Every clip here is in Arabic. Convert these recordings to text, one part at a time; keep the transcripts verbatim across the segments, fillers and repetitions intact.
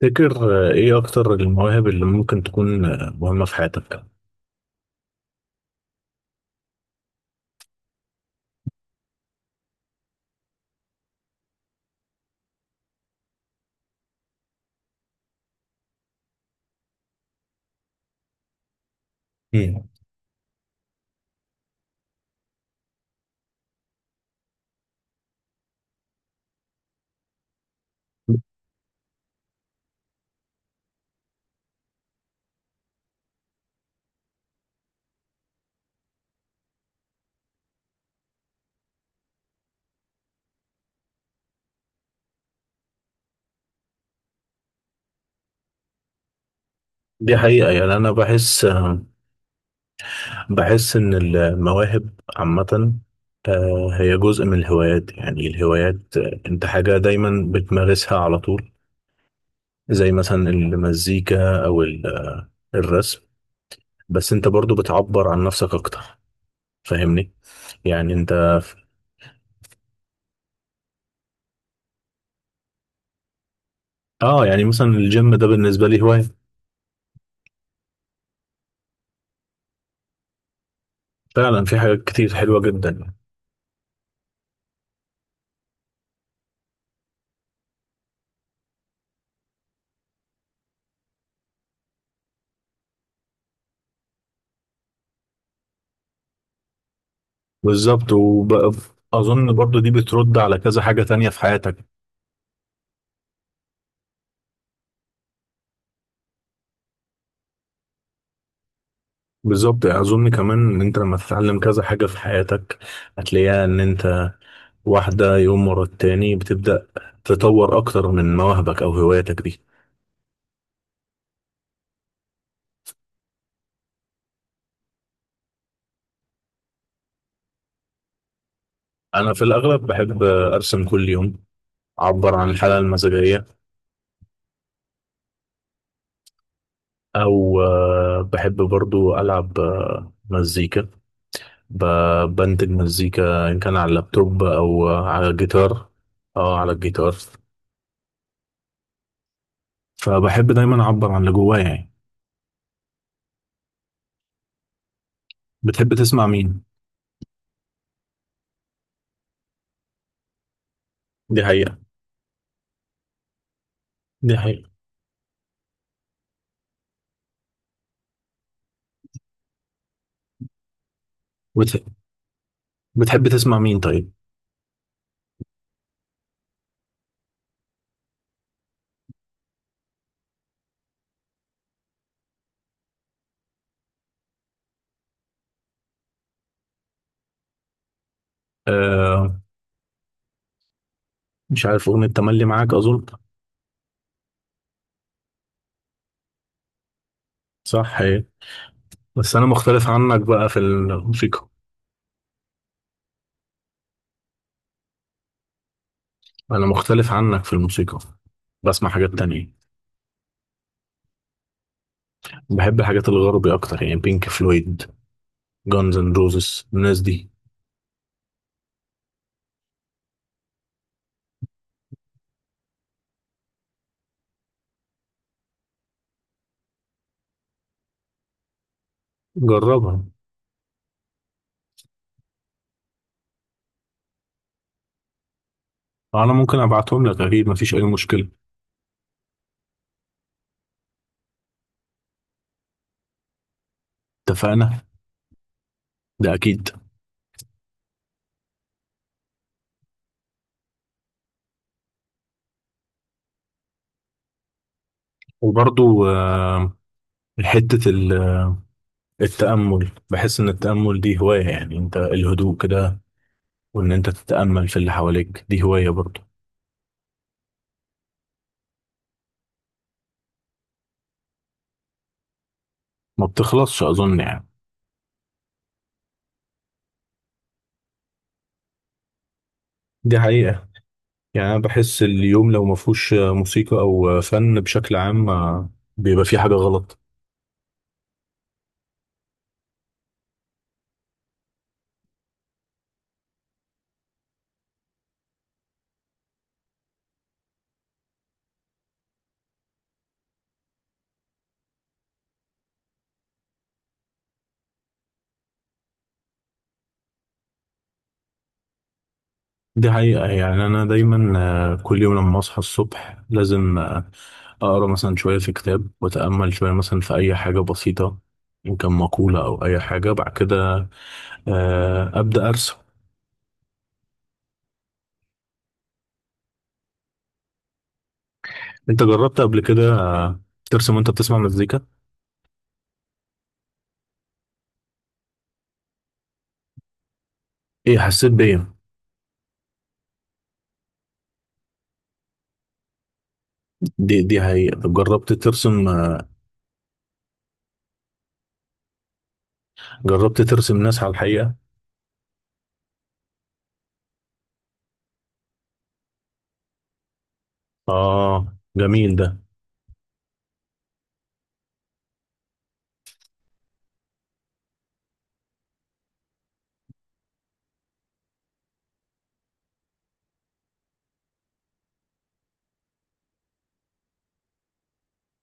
تفتكر آه، ايه اكتر المواهب اللي ممكن تكون آه، مهمة في حياتك؟ مم. دي حقيقة، يعني انا بحس آه، بحس ان المواهب عامة، آه، هي جزء من الهوايات. يعني الهوايات آه، انت حاجة دايما بتمارسها على طول، زي مثلا المزيكا او ال- آه، الرسم. بس انت برضو بتعبر عن نفسك اكتر. فاهمني؟ يعني انت اه، يعني مثلا الجيم ده بالنسبة لي هواية. فعلا في حاجات كتير حلوة جدا. بالظبط. وبقى اظن برضو دي بترد على كذا حاجة تانية في حياتك. بالظبط، يعني اظن كمان ان انت لما تتعلم كذا حاجة في حياتك هتلاقيها ان انت واحدة يوم ورا التاني بتبدأ تطور اكتر من مواهبك او هواياتك دي. انا في الاغلب بحب ارسم كل يوم، اعبر عن الحالة المزاجية، او آه، بحب برضو العب آه، مزيكا. ب- بنتج مزيكا ان كان على اللابتوب او آه، على الجيتار. اه، على الجيتار. فبحب دايما اعبر عن اللي جوايا يعني. بتحب تسمع مين؟ دي حقيقة. دي حقيقة. بتح... بتحب تسمع مين طيب؟ آه، مش عارف، اغنية تملي معاك اظن. صح، هي. بس انا مختلف عنك بقى في الموسيقى. انا مختلف عنك في الموسيقى، بسمع حاجات تانية. بحب الحاجات الغربي اكتر، يعني بينك فلويد، جانز اند روزز، الناس دي. جربها. انا ممكن ابعتهم لك، اكيد مفيش اي مشكلة. اتفقنا. ده اكيد. وبرضو آه، حتة ال التأمل، بحس إن التأمل دي هواية. يعني أنت الهدوء كده، وإن أنت تتأمل في اللي حواليك دي هواية برضه. ما بتخلصش أظن يعني. دي حقيقة. يعني أنا بحس اليوم لو ما فيهوش موسيقى أو فن بشكل عام، آه، بيبقى فيه حاجة غلط. دي حقيقة. يعني أنا دايما آه، كل يوم لما أصحى الصبح لازم آه، أقرأ مثلا شوية في كتاب، وأتأمل شوية مثلا في أي حاجة بسيطة، إن كان مقولة أو أي حاجة. بعد كده آه، أبدأ أرسم. انت جربت قبل كده آه، ترسم وانت بتسمع مزيكا؟ ايه حسيت بايه؟ دي دي حقيقة. طب جربت ترسم آه، جربت ترسم ناس على الحقيقة؟ اه جميل ده.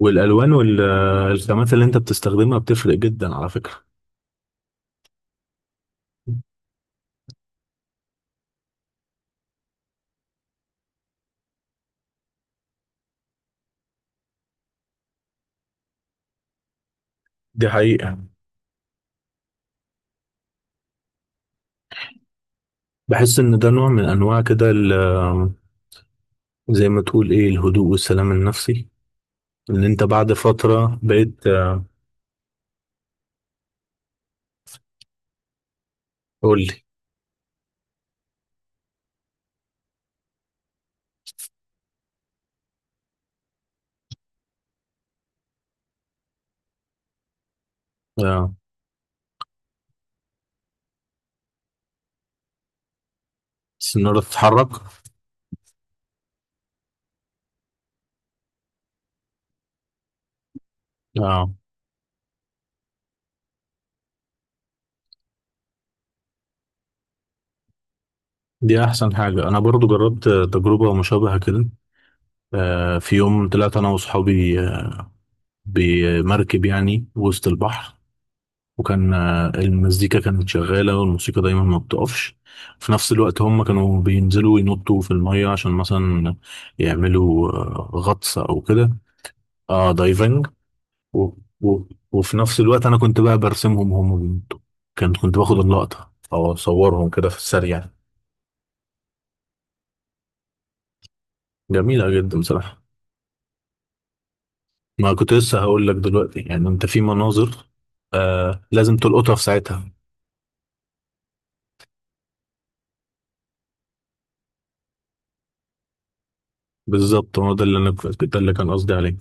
والالوان والخامات اللي انت بتستخدمها بتفرق جدا على فكرة. دي حقيقة. بحس ان ده نوع من انواع كده ال- آه، زي ما تقول ايه، الهدوء والسلام النفسي. ان انت بعد فترة بقيت آه، قول لي. اه، السنارة تتحرك. اه، دي احسن حاجة. انا برضو جربت آه، تجربة مشابهة كده. آه، في يوم طلعت انا وصحابي آه، بمركب يعني وسط البحر. وكان آه، المزيكا كانت شغاله، والموسيقى دايما ما بتقفش. في نفس الوقت هم كانوا بينزلوا ينطوا في الميه عشان مثلا يعملوا آه، غطس او كده. اه، دايفنج. و... و... وفي نفس الوقت انا كنت بقى برسمهم وهم بينطوا. كنت كنت باخد اللقطه او اصورهم كده في السريع. جميله جدا بصراحه. ما كنت لسه هقول لك دلوقتي. يعني انت في مناظر آه لازم تلقطها في ساعتها. بالظبط، هو ده اللي انا كنت- ده اللي كان قصدي عليه.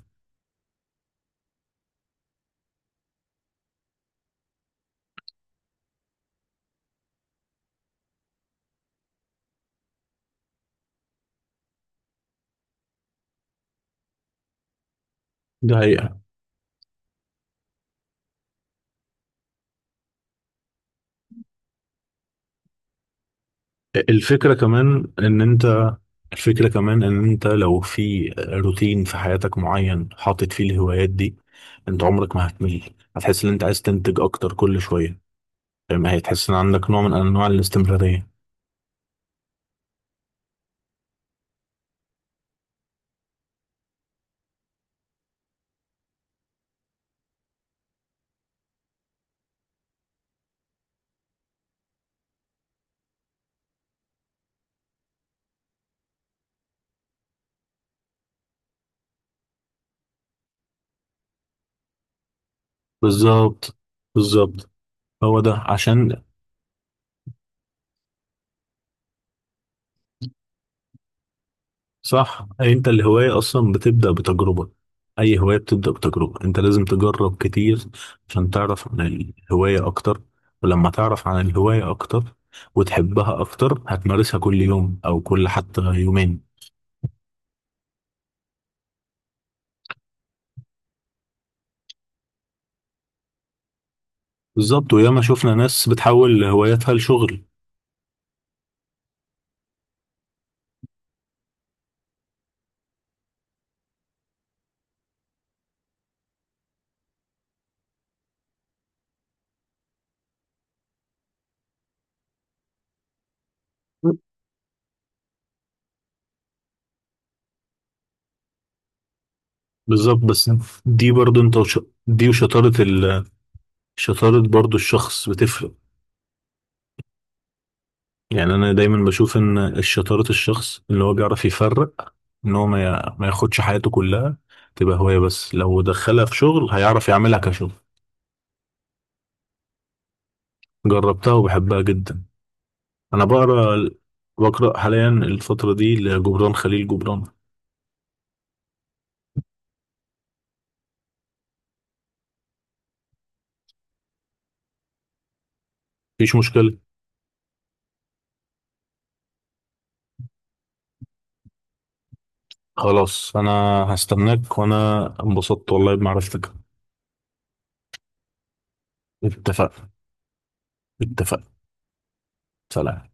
ده حقيقة. الفكرة كمان ان انت الفكرة كمان ان انت لو في روتين في حياتك معين حاطط فيه الهوايات دي، انت عمرك ما هتمل. هتحس ان انت عايز تنتج اكتر كل شوية. فاهم؟ هتحس ان عندك نوع من انواع الاستمرارية. بالظبط. بالظبط، هو ده عشان صح. انت الهواية اصلا بتبدأ بتجربة. اي هواية بتبدأ بتجربة. انت لازم تجرب كتير عشان تعرف عن الهواية اكتر. ولما تعرف عن الهواية اكتر وتحبها اكتر، هتمارسها كل يوم، او كل حتى يومين. بالظبط. وياما شفنا ناس بتحول هواياتها لشغل. بالظبط. بس دي برضو انت وش... دي وشطارة ال... شطارة برضو الشخص بتفرق. يعني انا دايما بشوف ان شطارة الشخص اللي هو بيعرف يفرق ان هو ما ي- ما ياخدش حياته كلها تبقى هواية، بس لو دخلها في شغل هيعرف يعملها كشغل. جربتها وبحبها جدا. انا بقرا، بقرا حاليا الفترة دي لجبران خليل جبران. مفيش مشكلة. خلاص، انا هستناك. وانا انبسطت والله بمعرفتك. اتفقنا. اتفقنا. سلام.